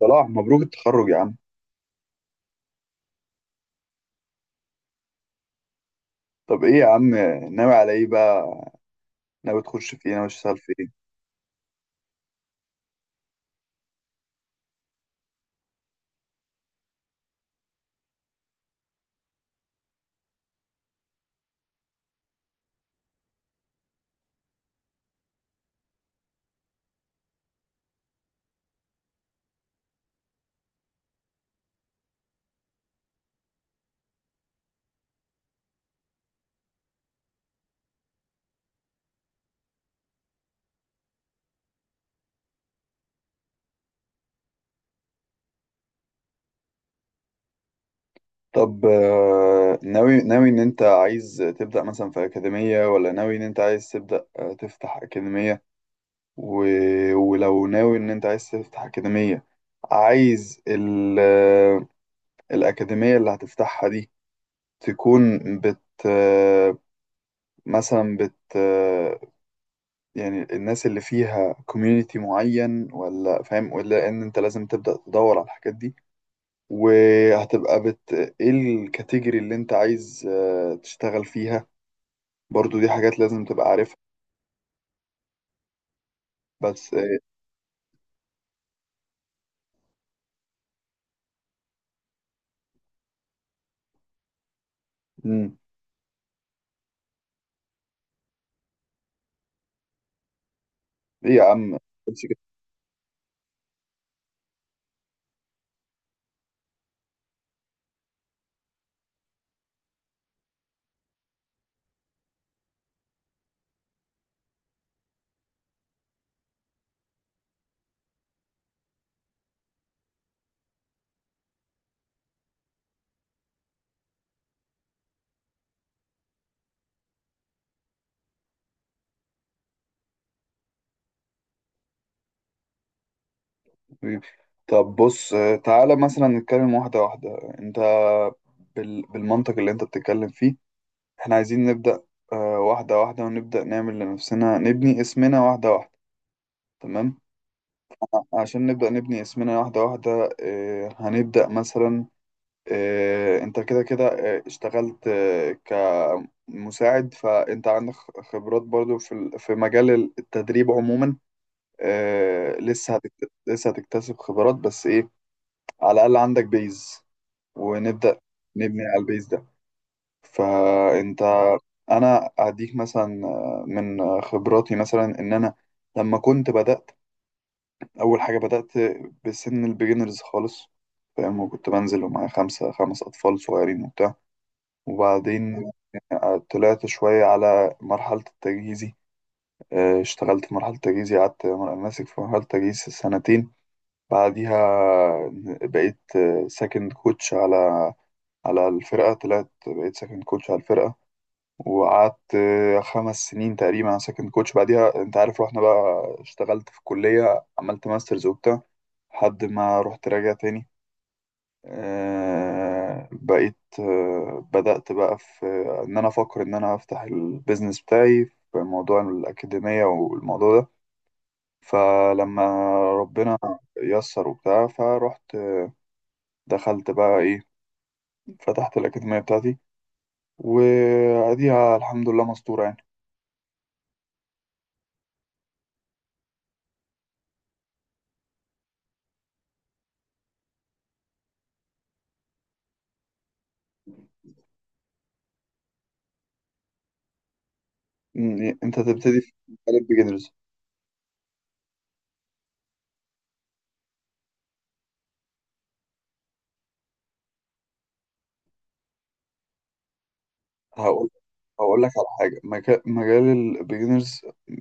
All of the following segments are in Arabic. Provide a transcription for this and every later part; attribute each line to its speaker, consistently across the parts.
Speaker 1: صلاح مبروك التخرج يا عم. طب ايه يا عم، ناوي على ايه بقى؟ ناوي تخش في ايه، ناوي تشتغل في ايه؟ طب ناوي ان انت عايز تبدأ مثلا في أكاديمية، ولا ناوي ان انت عايز تبدأ تفتح أكاديمية و... ولو ناوي ان انت عايز تفتح أكاديمية، عايز ال... آه، الأكاديمية اللي هتفتحها دي تكون بت آه، مثلا بت آه، يعني الناس اللي فيها كوميونيتي معين، ولا فاهم ولا ان انت لازم تبدأ تدور على الحاجات دي وهتبقى بت، ايه الكاتيجوري اللي انت عايز تشتغل فيها؟ برضو دي حاجات لازم تبقى عارفها. بس مم. ايه يا عم، بس كده؟ حبيبي. طب بص، تعالى مثلا نتكلم واحدة واحدة. انت بالمنطق اللي انت بتتكلم فيه، احنا عايزين نبدأ واحدة واحدة، ونبدأ نعمل لنفسنا، نبني اسمنا واحدة واحدة، تمام؟ عشان نبدأ نبني اسمنا واحدة واحدة هنبدأ مثلا، انت كده كده اشتغلت كمساعد، فانت عندك خبرات برضو في في مجال التدريب عموما. لسه لسه هتكتسب خبرات، بس ايه، على الأقل عندك بيز، ونبدأ نبني على البيز ده. فانت انا اديك مثلا من خبراتي، مثلا ان انا لما كنت بدأت، أول حاجة بدأت بسن البيجنرز خالص، فاهم؟ وكنت بنزل ومعايا 5 أطفال صغيرين وبتاع، وبعدين طلعت شوية على مرحلة التجهيزي. اشتغلت في مرحلة التجهيزي، قعدت ماسك في مرحلة التجهيز سنتين. بعديها بقيت سكند كوتش على على الفرقة، طلعت بقيت سكند كوتش على الفرقة، وقعدت 5 سنين تقريبا انا سكند كوتش. بعديها انت عارف رحنا بقى، اشتغلت في الكلية، عملت ماسترز وبتاع، لحد ما رحت راجع تاني. بقيت بدأت بقى في ان انا افكر ان انا افتح البيزنس بتاعي في موضوع الأكاديمية والموضوع ده. فلما ربنا يسر وبتاع، فرحت دخلت بقى ايه، فتحت الأكاديمية بتاعتي، وأديها الحمد لله مستورة يعني. مم، انت تبتدي في مجال البيجنرز. هقول هقول لك على حاجه، مجال البيجنرز،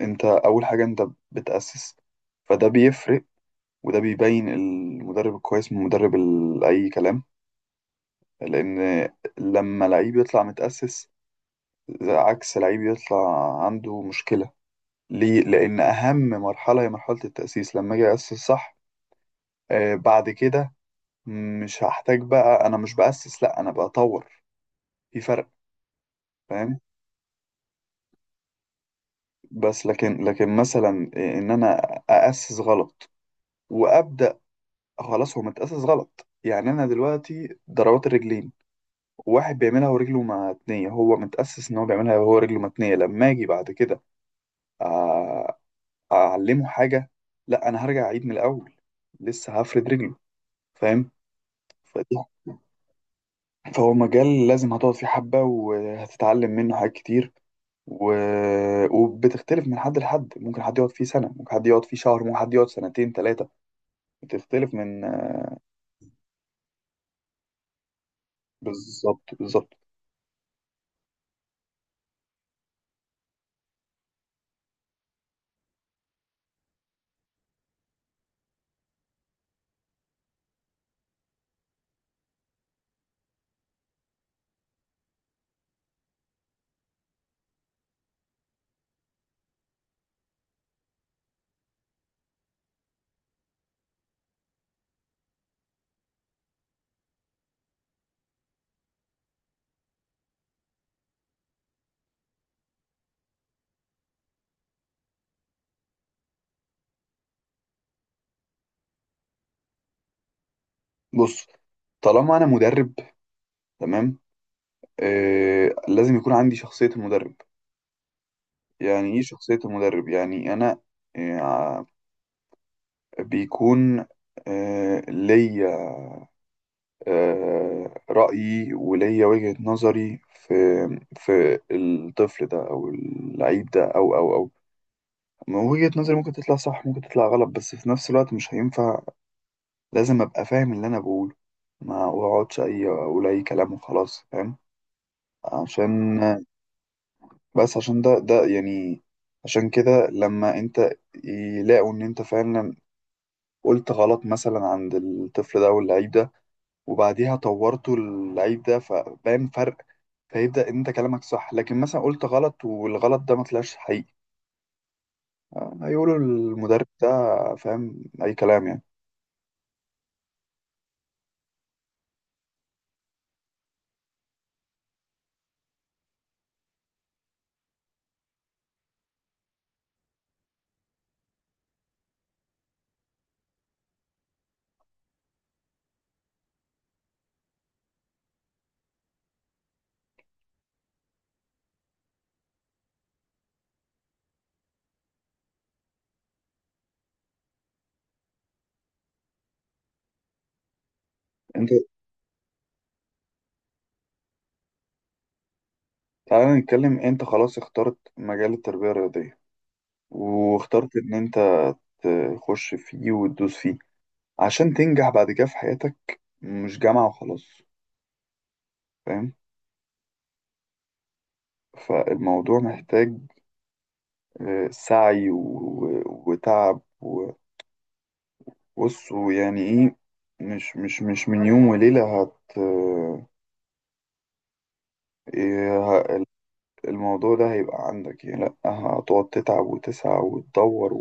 Speaker 1: انت اول حاجه انت بتاسس، فده بيفرق، وده بيبين المدرب الكويس من مدرب اي كلام. لان لما لعيب يطلع متاسس عكس لعيب يطلع عنده مشكله، ليه؟ لان اهم مرحله هي مرحله التاسيس. لما اجي اسس صح، آه بعد كده مش هحتاج بقى انا مش باسس، لا انا بطور، في فرق فاهم. بس لكن مثلا ان انا اسس غلط وابدا، خلاص هو متاسس غلط. يعني انا دلوقتي ضربات الرجلين، واحد بيعملها ورجله متنيه، هو متاسس ان هو بيعملها وهو رجله متنيه، لما اجي بعد كده أ- اعلمه حاجه، لا انا هرجع اعيد من الاول، لسه هفرد رجله، فاهم؟ فدي، فهو مجال لازم هتقعد فيه حبه، وهتتعلم منه حاجات كتير، و... وبتختلف من حد لحد، ممكن حد يقعد فيه سنه، ممكن حد يقعد فيه شهر، ممكن حد يقعد سنتين ثلاثه، بتختلف من. بالظبط بالظبط. بص، طالما انا مدرب، تمام، آه لازم يكون عندي شخصية المدرب. يعني ايه شخصية المدرب؟ يعني انا آه بيكون آه ليا آه رأيي وليا وجهة نظري في في الطفل ده او اللعيب ده او ما وجهة نظري ممكن تطلع صح ممكن تطلع غلط، بس في نفس الوقت مش هينفع، لازم ابقى فاهم اللي انا بقوله، ما اقعدش اي اقول اي كلام وخلاص، فاهم؟ عشان بس عشان ده يعني، عشان كده لما انت يلاقوا ان انت فعلا قلت غلط مثلا عند الطفل ده واللعيب ده، وبعديها طورته اللعيب ده فبان فرق، فيبدأ انت كلامك صح. لكن مثلا قلت غلط والغلط ده ما طلعش حقيقي، هيقولوا المدرب ده فاهم اي كلام يعني. انت تعالى نتكلم، انت خلاص اخترت مجال التربية الرياضية، واخترت ان انت تخش فيه وتدوس فيه، عشان تنجح بعد كده في حياتك، مش جامعة وخلاص، فاهم؟ فالموضوع محتاج سعي وتعب، وبص، ويعني ايه، مش من يوم وليلة هت آه، إيه ه- الموضوع ده هيبقى عندك يعني، لأ هتقعد تتعب وتسعى وتدور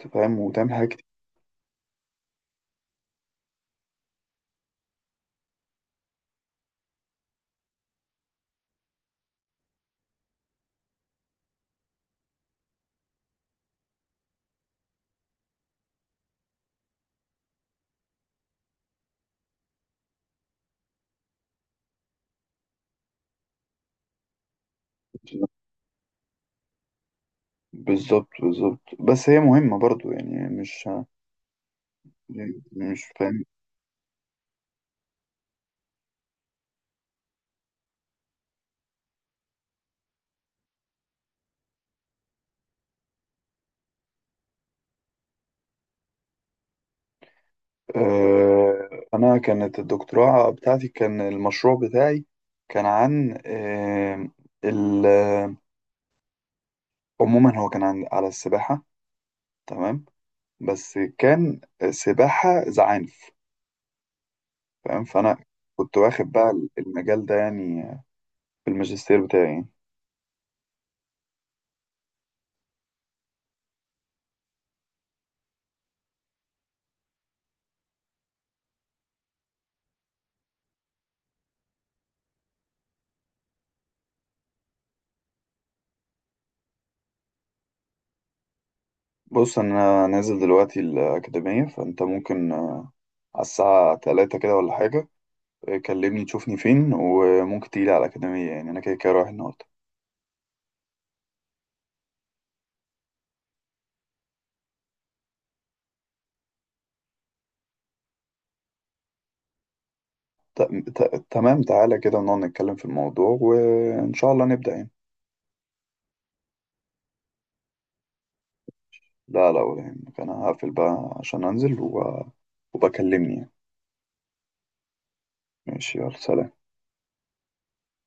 Speaker 1: وتفهم وتعمل حاجات كتير. بالظبط بالظبط، بس هي مهمة برضو يعني، مش فاهم. أنا كانت الدكتوراه بتاعتي، كان المشروع بتاعي كان عن ال- آه، عموما هو كان عن على السباحة، تمام، بس كان سباحة زعانف، تمام. فأنا كنت واخد بقى المجال ده يعني في الماجستير بتاعي يعني. بص أنا نازل دلوقتي الأكاديمية، فأنت ممكن على الساعة 3 كده ولا حاجة كلمني تشوفني فين، وممكن تيجي على الأكاديمية، يعني أنا كده كده رايح النهاردة. ت- تمام، تعالى كده نقعد نتكلم في الموضوع، وإن شاء الله نبدأ يعني. لا لا ولا يهمك، أنا هقفل بقى عشان أنزل وبكلمني يعني. ماشي يلا سلام.